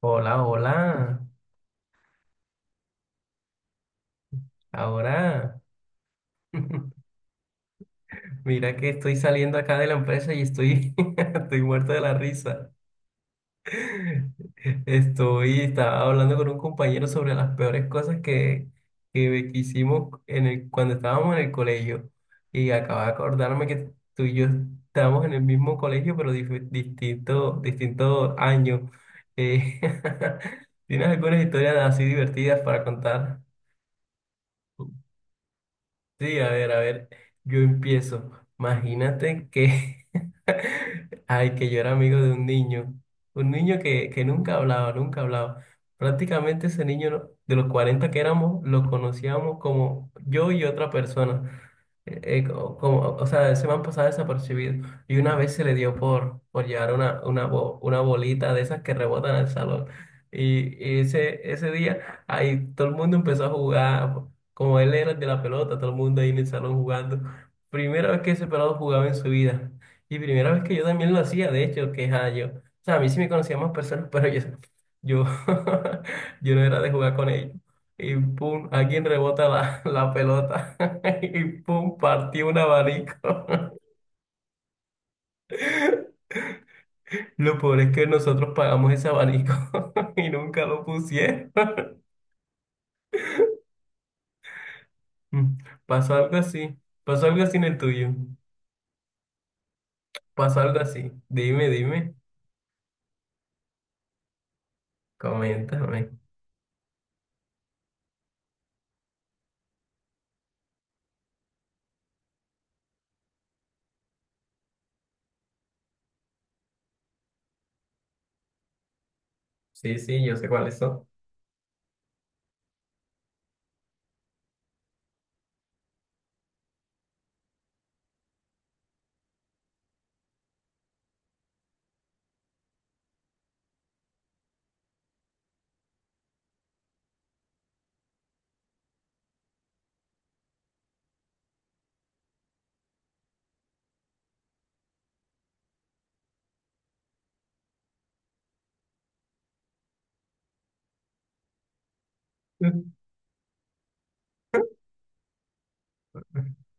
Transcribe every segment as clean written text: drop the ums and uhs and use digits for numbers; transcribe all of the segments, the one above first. Hola, hola. Ahora, mira que estoy saliendo acá de la empresa y estoy, estoy muerto de la risa. Estaba hablando con un compañero sobre las peores cosas que hicimos cuando estábamos en el colegio. Y acabo de acordarme que tú y yo estábamos en el mismo colegio, pero distinto año. Eh, ¿tienes algunas historias así divertidas para contar? Sí, a ver, yo empiezo. Imagínate que, ay, que yo era amigo de un niño que nunca hablaba, nunca hablaba. Prácticamente ese niño de los 40 que éramos, lo conocíamos como yo y otra persona como, o sea, se me han pasado desapercibido. Y una vez se le dio por llevar una bolita de esas que rebotan al salón. Y ese día, ahí todo el mundo empezó a jugar. Como él era el de la pelota, todo el mundo ahí en el salón jugando. Primera vez que ese pelado jugaba en su vida. Y primera vez que yo también lo hacía, de hecho, que ja, yo. O sea, a mí sí me conocían más personas, pero yo, yo no era de jugar con ellos y pum, alguien rebota la pelota y pum, partió un abanico. Lo peor es que nosotros pagamos ese abanico y nunca lo pusieron. Mm, Pasó algo así, pasó algo así en el tuyo, pasó algo así. Dime, dime, coméntame. Sí, sí, yo sé cuáles son.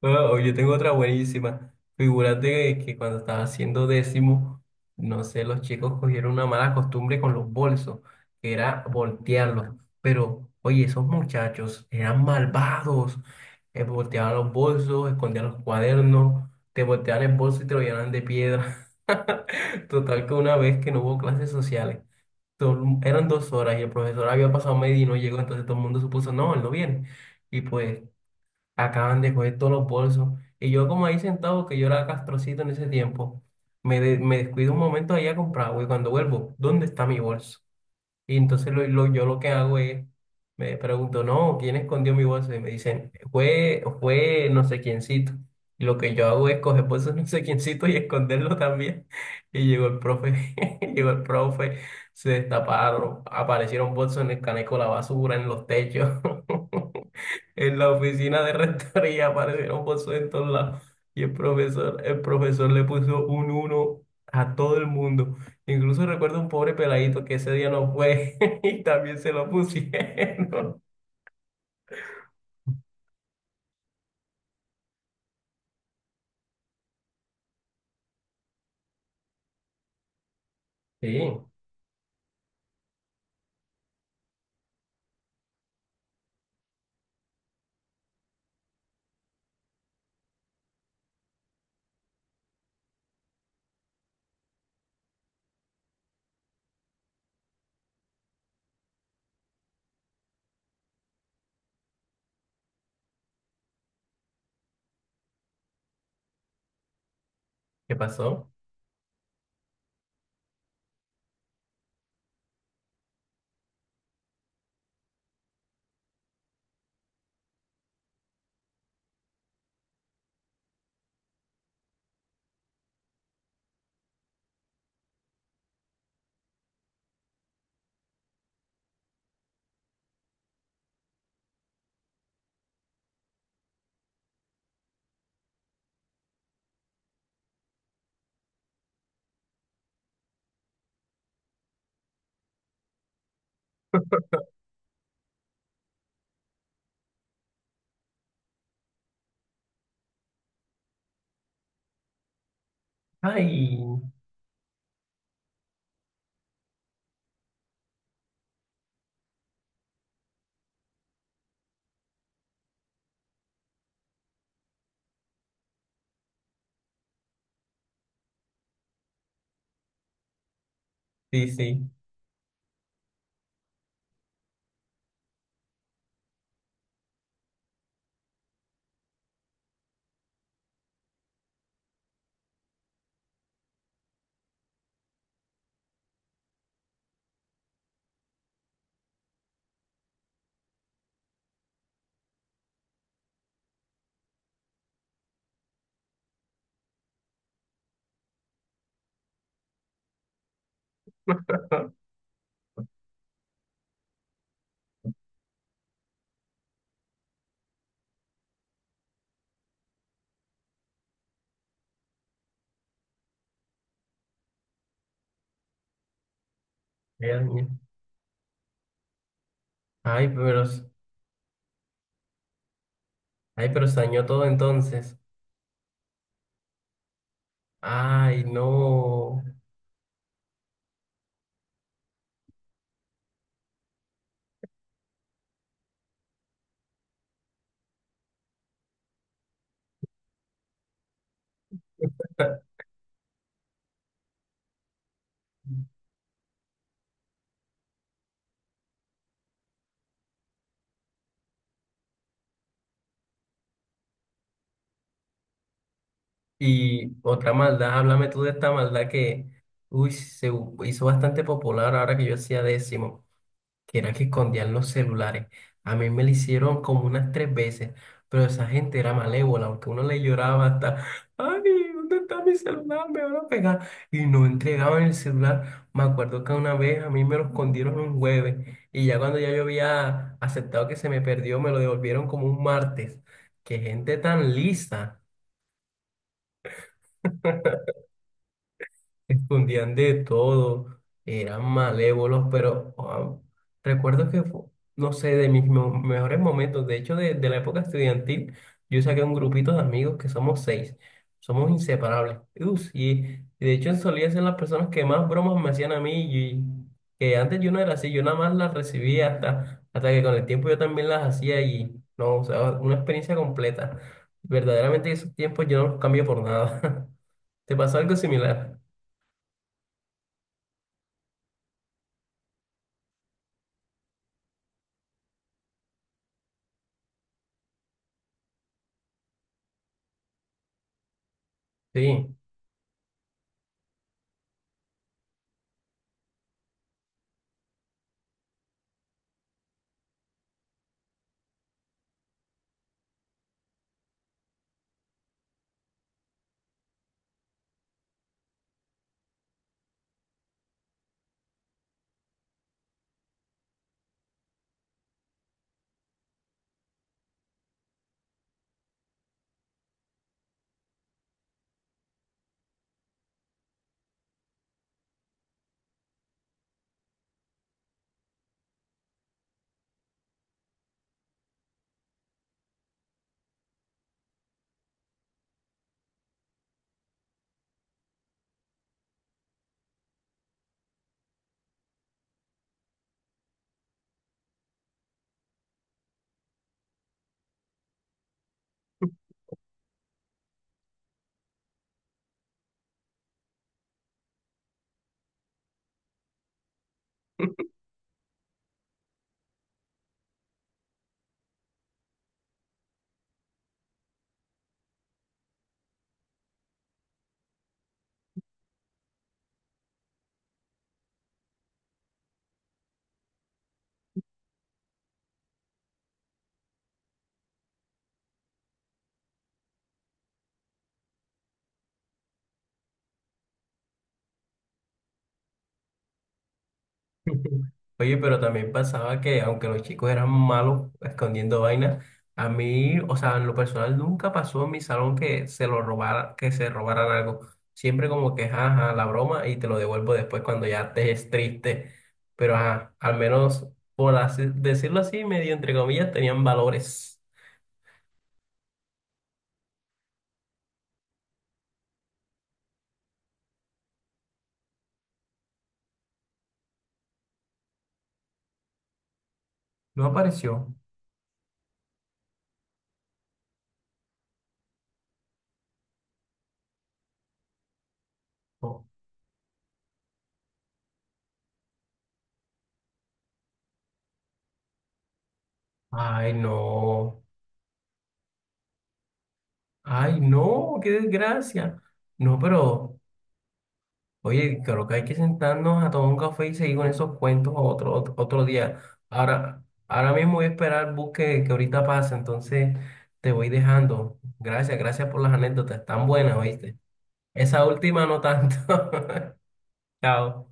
No, yo tengo otra buenísima. Figúrate que cuando estaba haciendo décimo, no sé, los chicos cogieron una mala costumbre con los bolsos, que era voltearlos. Pero, oye, esos muchachos eran malvados. Volteaban los bolsos, escondían los cuadernos, te volteaban el bolso y te lo llenaban de piedra. Total que una vez que no hubo clases sociales, eran 2 horas y el profesor había pasado media y no llegó, entonces todo el mundo supuso, no, él no viene. Y pues acaban de coger todos los bolsos. Y yo como ahí sentado, que yo era castrocito en ese tiempo, me descuido un momento ahí a comprar, güey, cuando vuelvo, ¿dónde está mi bolso? Y entonces yo lo que hago es, me pregunto, no, ¿quién escondió mi bolso? Y me dicen, fue no sé quiéncito. Y lo que yo hago es coger bolsos no sé quiéncito y esconderlo también. Y llegó el profe, llegó el profe, se destaparon, aparecieron bolsos en el caneco de la basura, en los techos, en la oficina de rectoría, aparecieron bolsos en todos lados. Y el profesor le puso un uno a todo el mundo. Incluso recuerdo un pobre peladito que ese día no fue y también se lo pusieron. Sí, ¿qué pasó? Ay, sí, sí. Dios mío. Ay, pero, s- ay, pero se dañó todo entonces. Ay, no. Y otra maldad, háblame tú de esta maldad que, uy, hizo bastante popular ahora que yo hacía décimo. Que era que escondían los celulares. A mí me lo hicieron como unas 3 veces, pero esa gente era malévola, aunque uno le lloraba hasta, ay, ¿dónde está mi celular? Me van a pegar. Y no entregaban el celular. Me acuerdo que una vez a mí me lo escondieron un jueves y ya cuando ya yo había aceptado que se me perdió, me lo devolvieron como un martes. Qué gente tan lisa. Escondían de todo, eran malévolos, pero ah, recuerdo que, no sé, de mis mejores momentos, de hecho, de la época estudiantil, yo saqué un grupito de amigos que somos seis, somos inseparables. Ups, y de hecho solía ser las personas que más bromas me hacían a mí, y que antes yo no era así, yo nada más las recibía hasta que con el tiempo yo también las hacía y, no, o sea, una experiencia completa. Verdaderamente esos tiempos yo no los cambio por nada. ¿Te pasó algo similar? Sí. Oye, pero también pasaba que aunque los chicos eran malos escondiendo vainas, a mí, o sea, en lo personal nunca pasó en mi salón que se lo robara, que se robaran algo. Siempre como que, ajá, ajá, la broma y te lo devuelvo después cuando ya te es triste. Pero ajá, al menos por así, decirlo así, medio entre comillas, tenían valores. No apareció. No. Ay, no. Ay, no, qué desgracia. No, pero oye, creo que hay que sentarnos a tomar un café y seguir con esos cuentos otro día. Ahora mismo voy a esperar el bus que ahorita pasa, entonces te voy dejando. Gracias, gracias por las anécdotas, tan buenas, ¿oíste? Esa última no tanto. Chao.